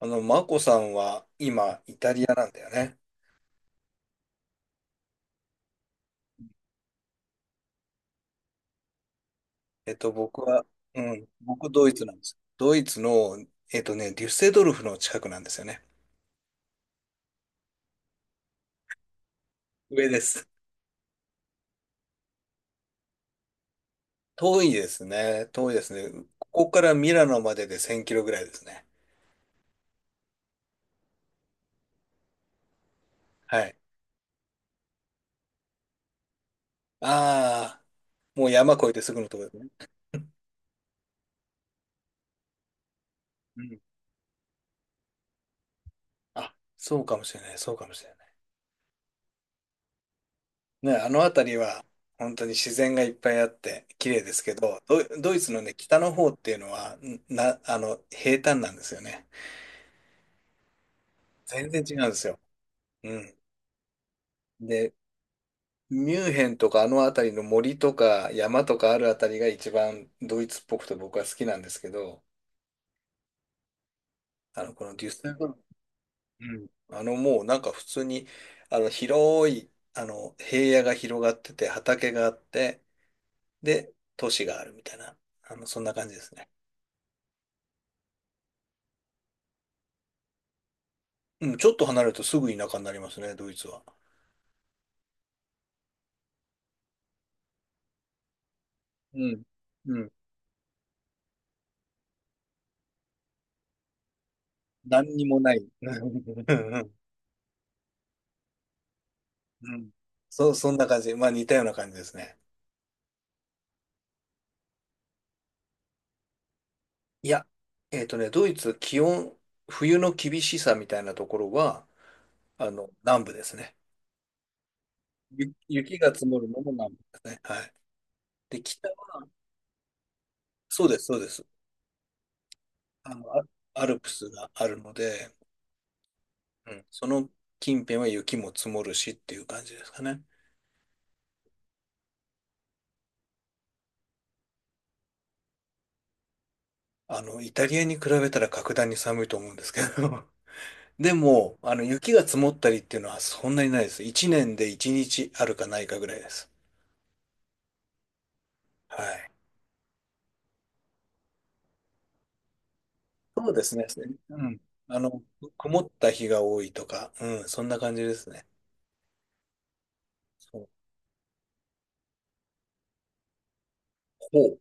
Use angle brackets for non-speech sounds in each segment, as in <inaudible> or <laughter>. マコさんは今、イタリアなんだよね。僕は、うん、僕、ドイツなんです。ドイツの、デュッセドルフの近くなんですよね。上です。遠いですね。遠いですね。ここからミラノまでで1000キロぐらいですね。はい。ああ、もう山越えてすぐのところですね。うん。あ、そうかもしれない。そうかもしれない。ね、あの辺りは、本当に自然がいっぱいあって綺麗ですけど、ドイツのね、北の方っていうのは、んな、あの、平坦なんですよね。全然違うんですよ。うん。で、ミュンヘンとかあの辺りの森とか山とかある辺りが一番ドイツっぽくて僕は好きなんですけど、このデュッセルドルフ、うん。もうなんか普通に、広い、平野が広がってて、畑があって、で、都市があるみたいな、そんな感じですね。うん、ちょっと離れるとすぐ田舎になりますね、ドイツは。うん。うん。何にもない。<laughs> うんうん、うそんな感じ。まあ似たような感じですね。いや、ドイツ、気温、冬の厳しさみたいなところは、南部ですね。雪が積もるのも南部ですね。はい。で、北は、そうです、そうです。あの、アアルプスがあるので、うん、その近辺は雪も積もるしっていう感じですかね。イタリアに比べたら格段に寒いと思うんですけど。<laughs> でも、雪が積もったりっていうのはそんなにないです。1年で1日あるかないかぐらいです。はい。そうですね。うん。あの、曇った日が多いとか、うん、そんな感じですね。そう、ほう。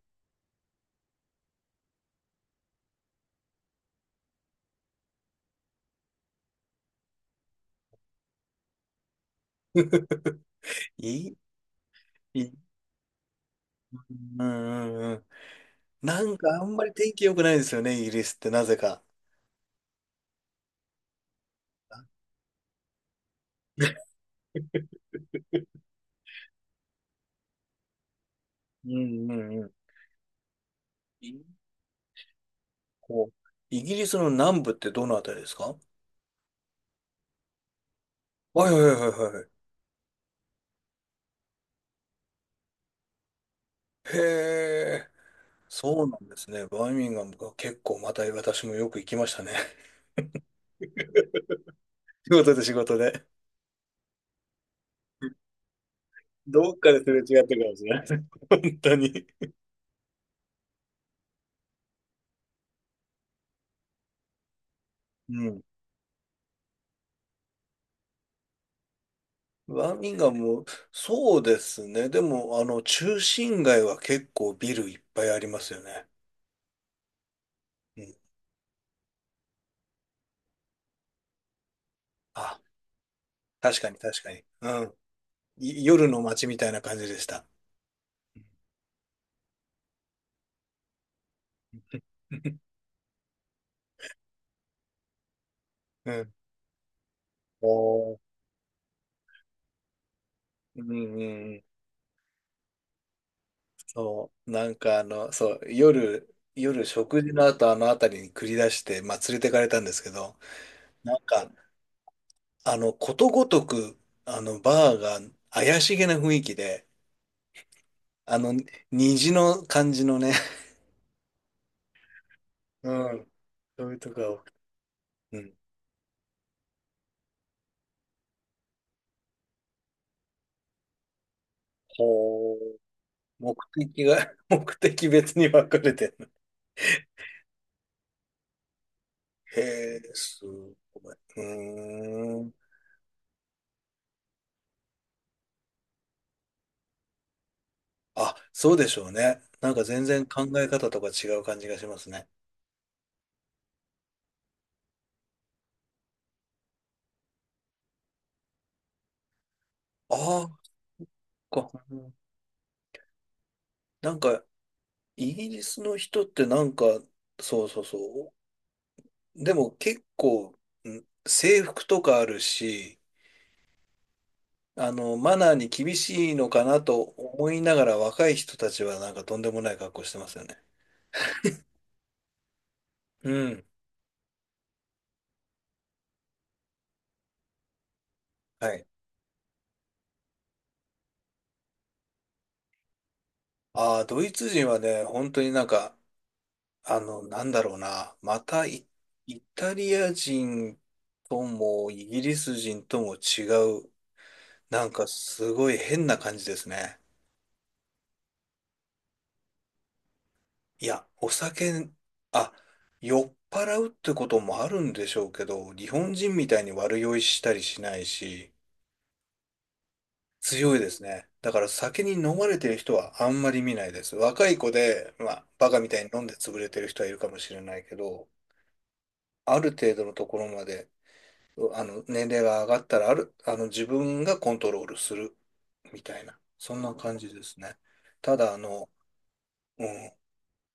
<laughs> いい、いい。うんうんうん。なんかあんまり天気良くないですよね、イギリスってなぜか。<laughs> うんうんうん。いほう。イギリスの南部ってどのあたりですか？はいはいはいはい。へえ、そうなんですね。バーミンガムが結構また私もよく行きましたね。<laughs> 仕事で、仕事で。どっかですれ違ってるかもしれない。<laughs> 本当に。うん。バーミンガム、そうですね。でも、中心街は結構ビルいっぱいありますよね。うん。あ、確かに確かに。うん。夜の街みたいな感じでした。<laughs> うん。おー、うんうんうん。そう。なんかそう、夜食事の後あの辺りに繰り出して、まあ連れてかれたんですけど、なんか、ことごとく、バーが怪しげな雰囲気で、あの、虹の感じのね、うん。そういうとこが多くて、うん。ほう。目的が、<laughs> 目的別に分かれてる。へえ、すごい。うーん。あ、そうでしょうね。なんか全然考え方とか違う感じがしますね。ああ、こう、なんか、イギリスの人ってなんか、そうそうそう。でも結構、制服とかあるし、マナーに厳しいのかなと思いながら若い人たちはなんかとんでもない格好してますよね。うん。はい。ああ、ドイツ人はね、本当になんか、なんだろうな。またイ、イタリア人ともイギリス人とも違う。なんかすごい変な感じですね。いや、あ、酔っ払うってこともあるんでしょうけど、日本人みたいに悪酔いしたりしないし、強いですね。だから酒に飲まれてる人はあんまり見ないです。若い子で、まあ、バカみたいに飲んで潰れてる人はいるかもしれないけど、ある程度のところまで、年齢が上がったら、ある、あの、自分がコントロールする、みたいな、そんな感じですね。ただ、うん、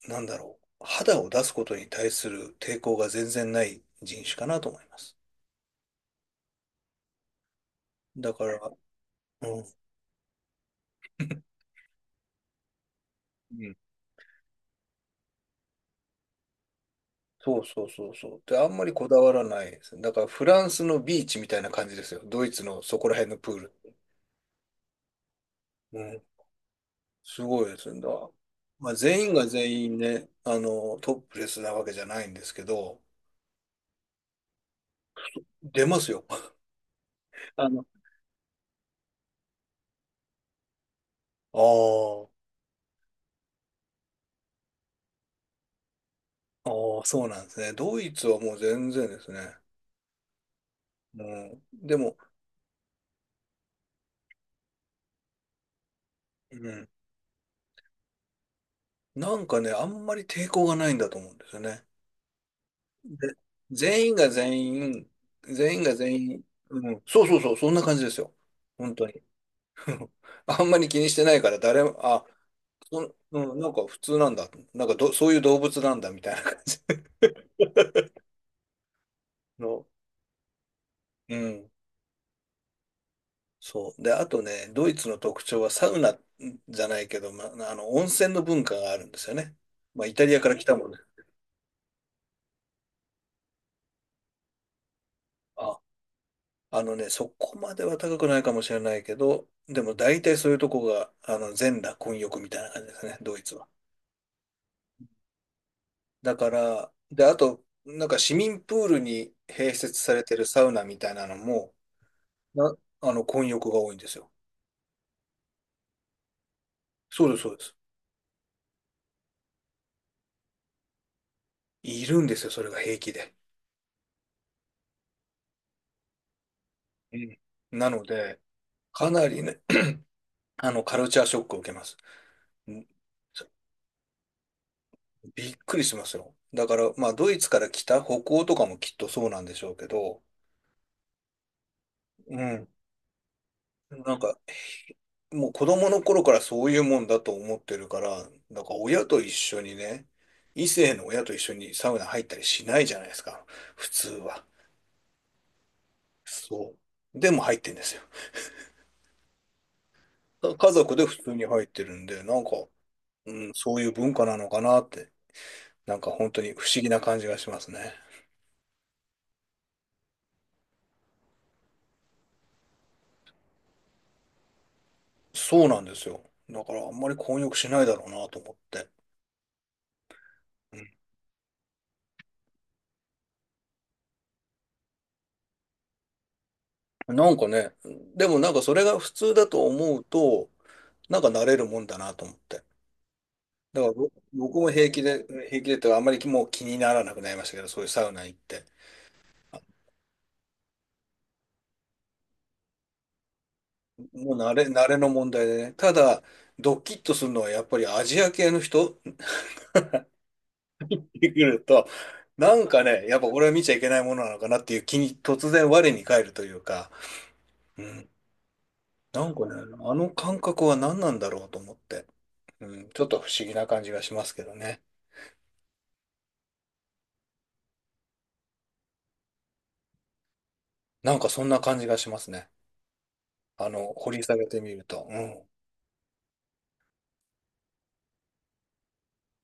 なんだろう、肌を出すことに対する抵抗が全然ない人種かなと思います。だから、うん、うん <laughs> そうそうそうそう。で、あんまりこだわらないです。だから、フランスのビーチみたいな感じですよ。ドイツのそこら辺のプール。うん、すごいですんだ。まあ、全員が全員ね、トップレスなわけじゃないんですけど、出ますよ。<laughs> あの、あああ、あ、そうなんですね。ドイツはもう全然ですね。もん、でも、うん、なんかね、あんまり抵抗がないんだと思うんですよね。で、全員が全員、全員が全員、うん、そうそうそう、そんな感じですよ。本当に。<laughs> あんまり気にしてないから、誰も、あ、そ、うん、なんか普通なんだ。なんかど、そういう動物なんだみたいな感じの、うん、そう。で、あとね、ドイツの特徴はサウナじゃないけど、ま、温泉の文化があるんですよね。まあ、イタリアから来たもんね。あ、そこまでは高くないかもしれないけど、でも大体そういうとこが、全裸混浴みたいな感じですね、ドイツは。だから、で、あと、なんか市民プールに併設されてるサウナみたいなのも、な、あの、混浴が多いんですよ。そうです、そうです。いるんですよ、それが平気で。うん、なので、かなりね、カルチャーショックを受けます。うん、びっくりしますよ。だから、まあ、ドイツから来た北欧とかもきっとそうなんでしょうけど、うん。なんか、もう子供の頃からそういうもんだと思ってるから、なんか親と一緒にね、異性の親と一緒にサウナ入ったりしないじゃないですか、普通は。そう。でも入ってんですよ。家族で普通に入ってるんで、なんか、うん、そういう文化なのかなって、なんか本当に不思議な感じがしますね。そうなんですよ。だからあんまり混浴しないだろうなと思って。うん、なんかね、でもなんかそれが普通だと思うと、なんか慣れるもんだなと思って。だから僕も平気で、平気でってかあんまりもう気にならなくなりましたけど、そういうサウナ行って。もう慣れの問題でね。ただ、ドキッとするのはやっぱりアジア系の人 <laughs> に来ると、なんかね、やっぱ俺は見ちゃいけないものなのかなっていう気に突然我に返るというか、うん。なんかね、あの感覚は何なんだろうと思って。うん、ちょっと不思議な感じがしますけどね。なんかそんな感じがしますね。掘り下げてみると。うん。